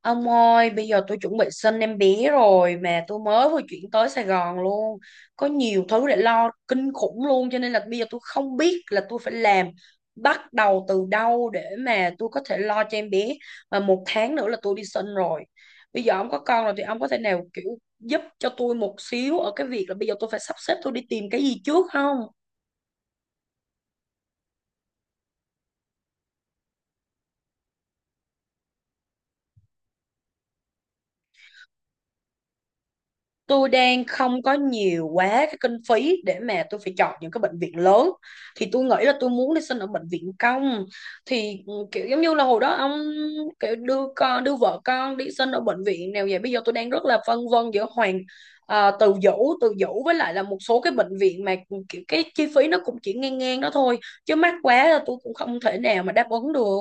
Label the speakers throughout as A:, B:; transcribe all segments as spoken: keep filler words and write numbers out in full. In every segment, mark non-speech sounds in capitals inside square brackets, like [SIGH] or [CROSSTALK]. A: Ông ơi, bây giờ tôi chuẩn bị sinh em bé rồi mà tôi mới vừa chuyển tới Sài Gòn luôn. Có nhiều thứ để lo kinh khủng luôn, cho nên là bây giờ tôi không biết là tôi phải làm, bắt đầu từ đâu để mà tôi có thể lo cho em bé. Mà một tháng nữa là tôi đi sinh rồi. Bây giờ ông có con rồi thì ông có thể nào kiểu giúp cho tôi một xíu ở cái việc là bây giờ tôi phải sắp xếp, tôi đi tìm cái gì trước không? Tôi đang không có nhiều quá cái kinh phí để mà tôi phải chọn những cái bệnh viện lớn, thì tôi nghĩ là tôi muốn đi sinh ở bệnh viện công. Thì ừ, kiểu giống như là hồi đó ông kiểu đưa con, đưa vợ con đi sinh ở bệnh viện nào vậy? Bây giờ tôi đang rất là phân vân giữa Hoàng, à, Từ Dũ, Từ Dũ với lại là một số cái bệnh viện mà ừ, kiểu cái chi phí nó cũng chỉ ngang ngang đó thôi, chứ mắc quá là tôi cũng không thể nào mà đáp ứng được.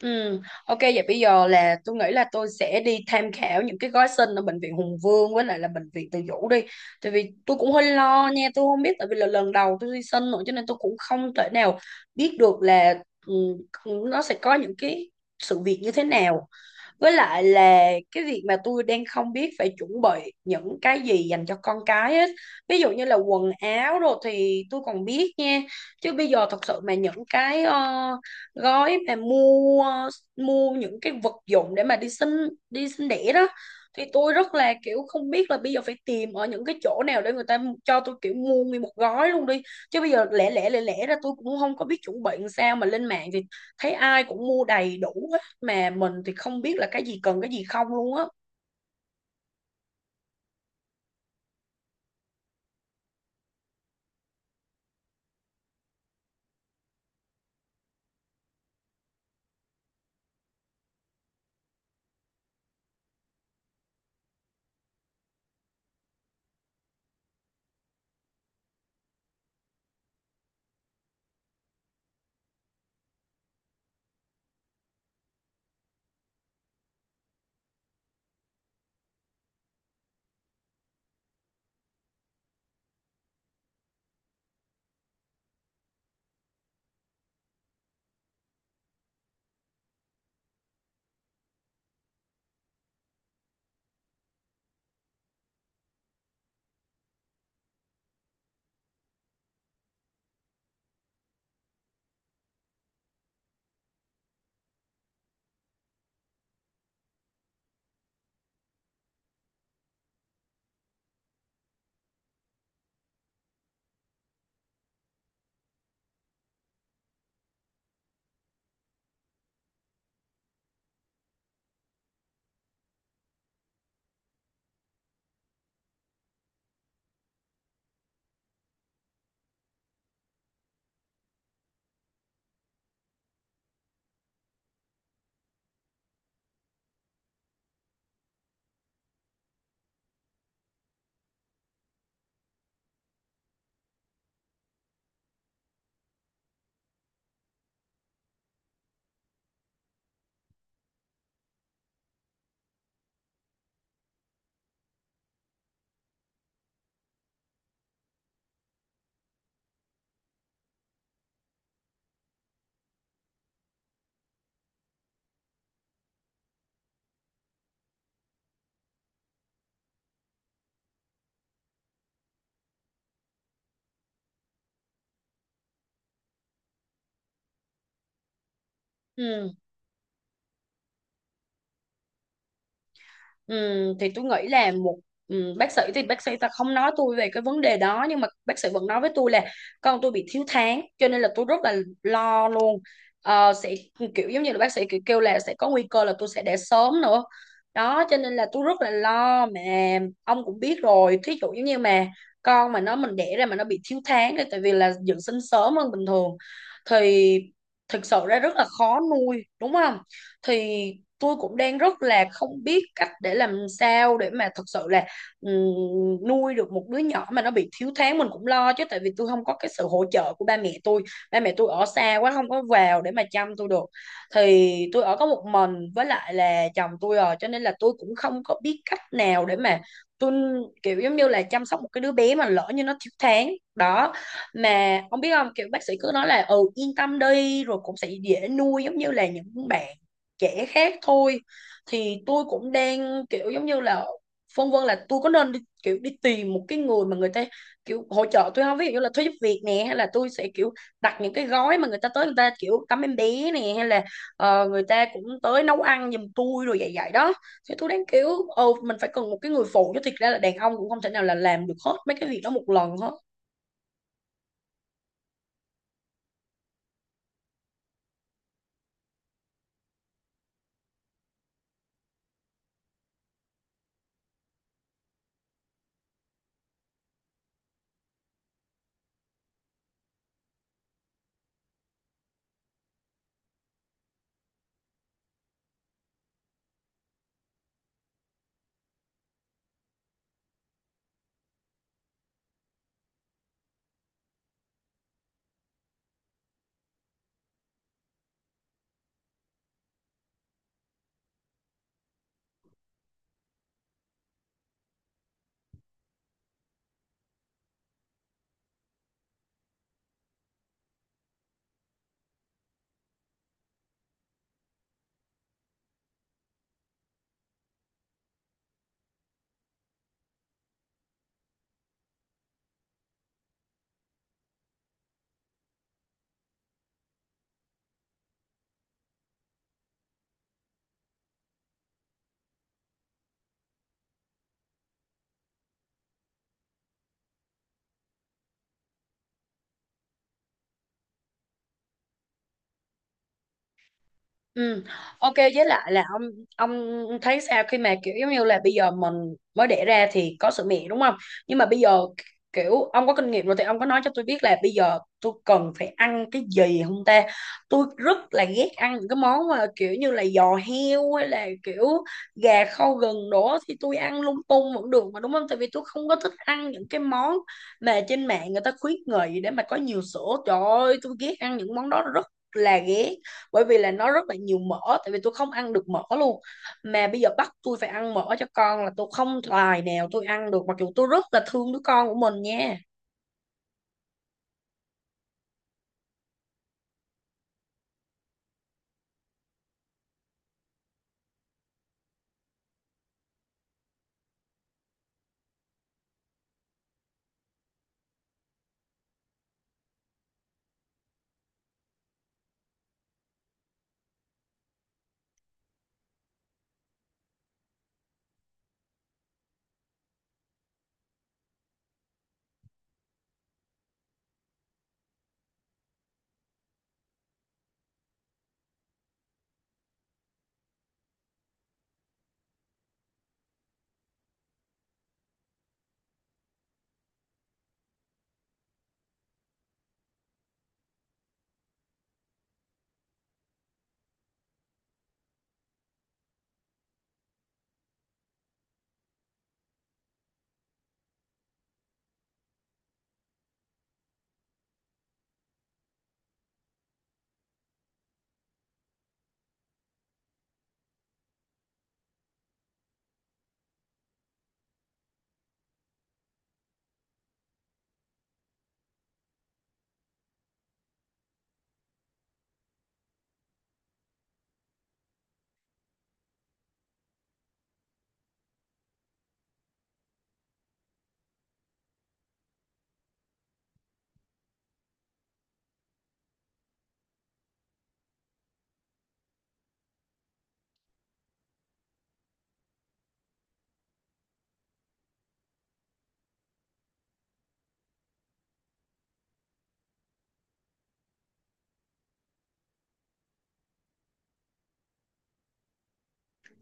A: Ừ, ok, vậy bây giờ là tôi nghĩ là tôi sẽ đi tham khảo những cái gói sinh ở bệnh viện Hùng Vương với lại là bệnh viện Từ Dũ đi. Tại vì tôi cũng hơi lo nha, tôi không biết, tại vì là lần đầu tôi đi sinh nữa cho nên tôi cũng không thể nào biết được là ừ, nó sẽ có những cái sự việc như thế nào, với lại là cái việc mà tôi đang không biết phải chuẩn bị những cái gì dành cho con cái hết. Ví dụ như là quần áo rồi thì tôi còn biết nha, chứ bây giờ thật sự mà những cái ờ, gói mà mua, mua những cái vật dụng để mà đi sinh, đi sinh đẻ đó, thì tôi rất là kiểu không biết là bây giờ phải tìm ở những cái chỗ nào để người ta cho tôi kiểu mua nguyên một gói luôn đi, chứ bây giờ lẻ lẻ lẻ lẻ ra tôi cũng không có biết chuẩn bị làm sao, mà lên mạng thì thấy ai cũng mua đầy đủ hết mà mình thì không biết là cái gì cần, cái gì không luôn á. Ừ. Ừm, thì tôi nghĩ là một, ừm, bác sĩ thì bác sĩ ta không nói tôi về cái vấn đề đó, nhưng mà bác sĩ vẫn nói với tôi là con tôi bị thiếu tháng cho nên là tôi rất là lo luôn. Ờ, sẽ kiểu giống như là bác sĩ kiểu kêu là sẽ có nguy cơ là tôi sẽ đẻ sớm nữa đó, cho nên là tôi rất là lo. Mà ông cũng biết rồi, thí dụ giống như mà con mà nó mình đẻ ra mà nó bị thiếu tháng thì tại vì là dự sinh sớm hơn bình thường, thì thực sự ra rất là khó nuôi, đúng không? Thì tôi cũng đang rất là không biết cách để làm sao để mà thật sự là, ừm, nuôi được một đứa nhỏ mà nó bị thiếu tháng. Mình cũng lo chứ, tại vì tôi không có cái sự hỗ trợ của ba mẹ tôi, ba mẹ tôi ở xa quá không có vào để mà chăm tôi được. Thì tôi ở có một mình với lại là chồng tôi rồi, cho nên là tôi cũng không có biết cách nào để mà tôi kiểu giống như là chăm sóc một cái đứa bé mà lỡ như nó thiếu tháng đó. Mà ông biết không, kiểu bác sĩ cứ nói là ừ yên tâm đi, rồi cũng sẽ dễ nuôi giống như là những bạn trẻ khác thôi. Thì tôi cũng đang kiểu giống như là phân vân, là tôi có nên đi, kiểu đi tìm một cái người mà người ta kiểu hỗ trợ tôi không, ví dụ như là thuê giúp việc nè, hay là tôi sẽ kiểu đặt những cái gói mà người ta tới người ta kiểu tắm em bé nè, hay là ờ, người ta cũng tới nấu ăn giùm tôi rồi, vậy vậy đó. Thì tôi đang kiểu, ờ, mình phải cần một cái người phụ chứ, thiệt ra là đàn ông cũng không thể nào là làm được hết mấy cái việc đó một lần hết. Ừ. Ok, với lại là ông ông thấy sao khi mà kiểu giống như là bây giờ mình mới đẻ ra thì có sữa mẹ, đúng không? Nhưng mà bây giờ kiểu ông có kinh nghiệm rồi thì ông có nói cho tôi biết là bây giờ tôi cần phải ăn cái gì không ta? Tôi rất là ghét ăn những cái món mà kiểu như là giò heo hay là kiểu gà kho gừng đó, thì tôi ăn lung tung vẫn được mà, đúng không? Tại vì tôi không có thích ăn những cái món mà trên mạng người ta khuyến nghị để mà có nhiều sữa. Trời ơi, tôi ghét ăn những món đó rất là ghét, bởi vì là nó rất là nhiều mỡ, tại vì tôi không ăn được mỡ luôn. Mà bây giờ bắt tôi phải ăn mỡ cho con là tôi không tài nào tôi ăn được, mặc dù tôi rất là thương đứa con của mình nha.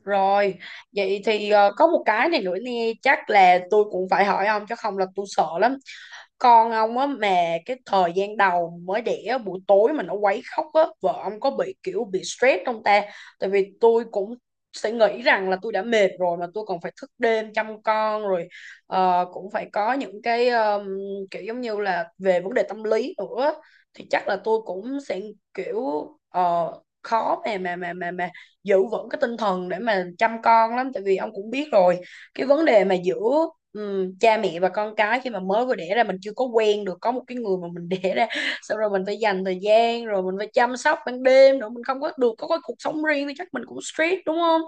A: Rồi vậy thì ờ, có một cái này nữa nè, chắc là tôi cũng phải hỏi ông chứ không là tôi sợ lắm. Con ông á mà, cái thời gian đầu mới đẻ á, buổi tối mà nó quấy khóc á, vợ ông có bị kiểu bị stress không ta? Tại vì tôi cũng sẽ nghĩ rằng là tôi đã mệt rồi mà tôi còn phải thức đêm chăm con rồi, ờ, cũng phải có những cái um, kiểu giống như là về vấn đề tâm lý nữa, thì chắc là tôi cũng sẽ kiểu ờ, khó mà mà mà mà mà giữ vững cái tinh thần để mà chăm con lắm. Tại vì ông cũng biết rồi, cái vấn đề mà giữa, ừm, cha mẹ và con cái khi mà mới vừa đẻ ra mình chưa có quen được, có một cái người mà mình [LAUGHS] đẻ ra xong rồi mình phải dành thời gian rồi mình phải chăm sóc ban đêm nữa, mình không có được có cái cuộc sống riêng, thì chắc mình cũng stress, đúng không?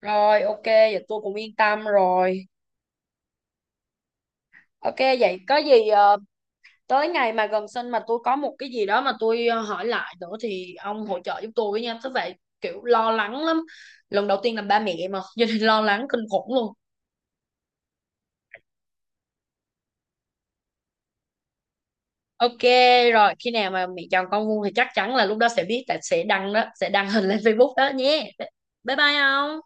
A: Rồi ok, vậy tôi cũng yên tâm rồi. Ok, vậy có gì ờ, tới ngày mà gần sinh mà tôi có một cái gì đó mà tôi ờ, hỏi lại nữa thì ông hỗ trợ giúp tôi với nha. Thế vậy, kiểu lo lắng lắm, lần đầu tiên làm ba mẹ mà [LAUGHS] cho nên lo lắng kinh khủng luôn. Ok, rồi khi nào mà mẹ chọn con vuông thì chắc chắn là lúc đó sẽ biết, tại sẽ đăng đó, sẽ đăng hình lên Facebook đó nhé. Bye bye ông.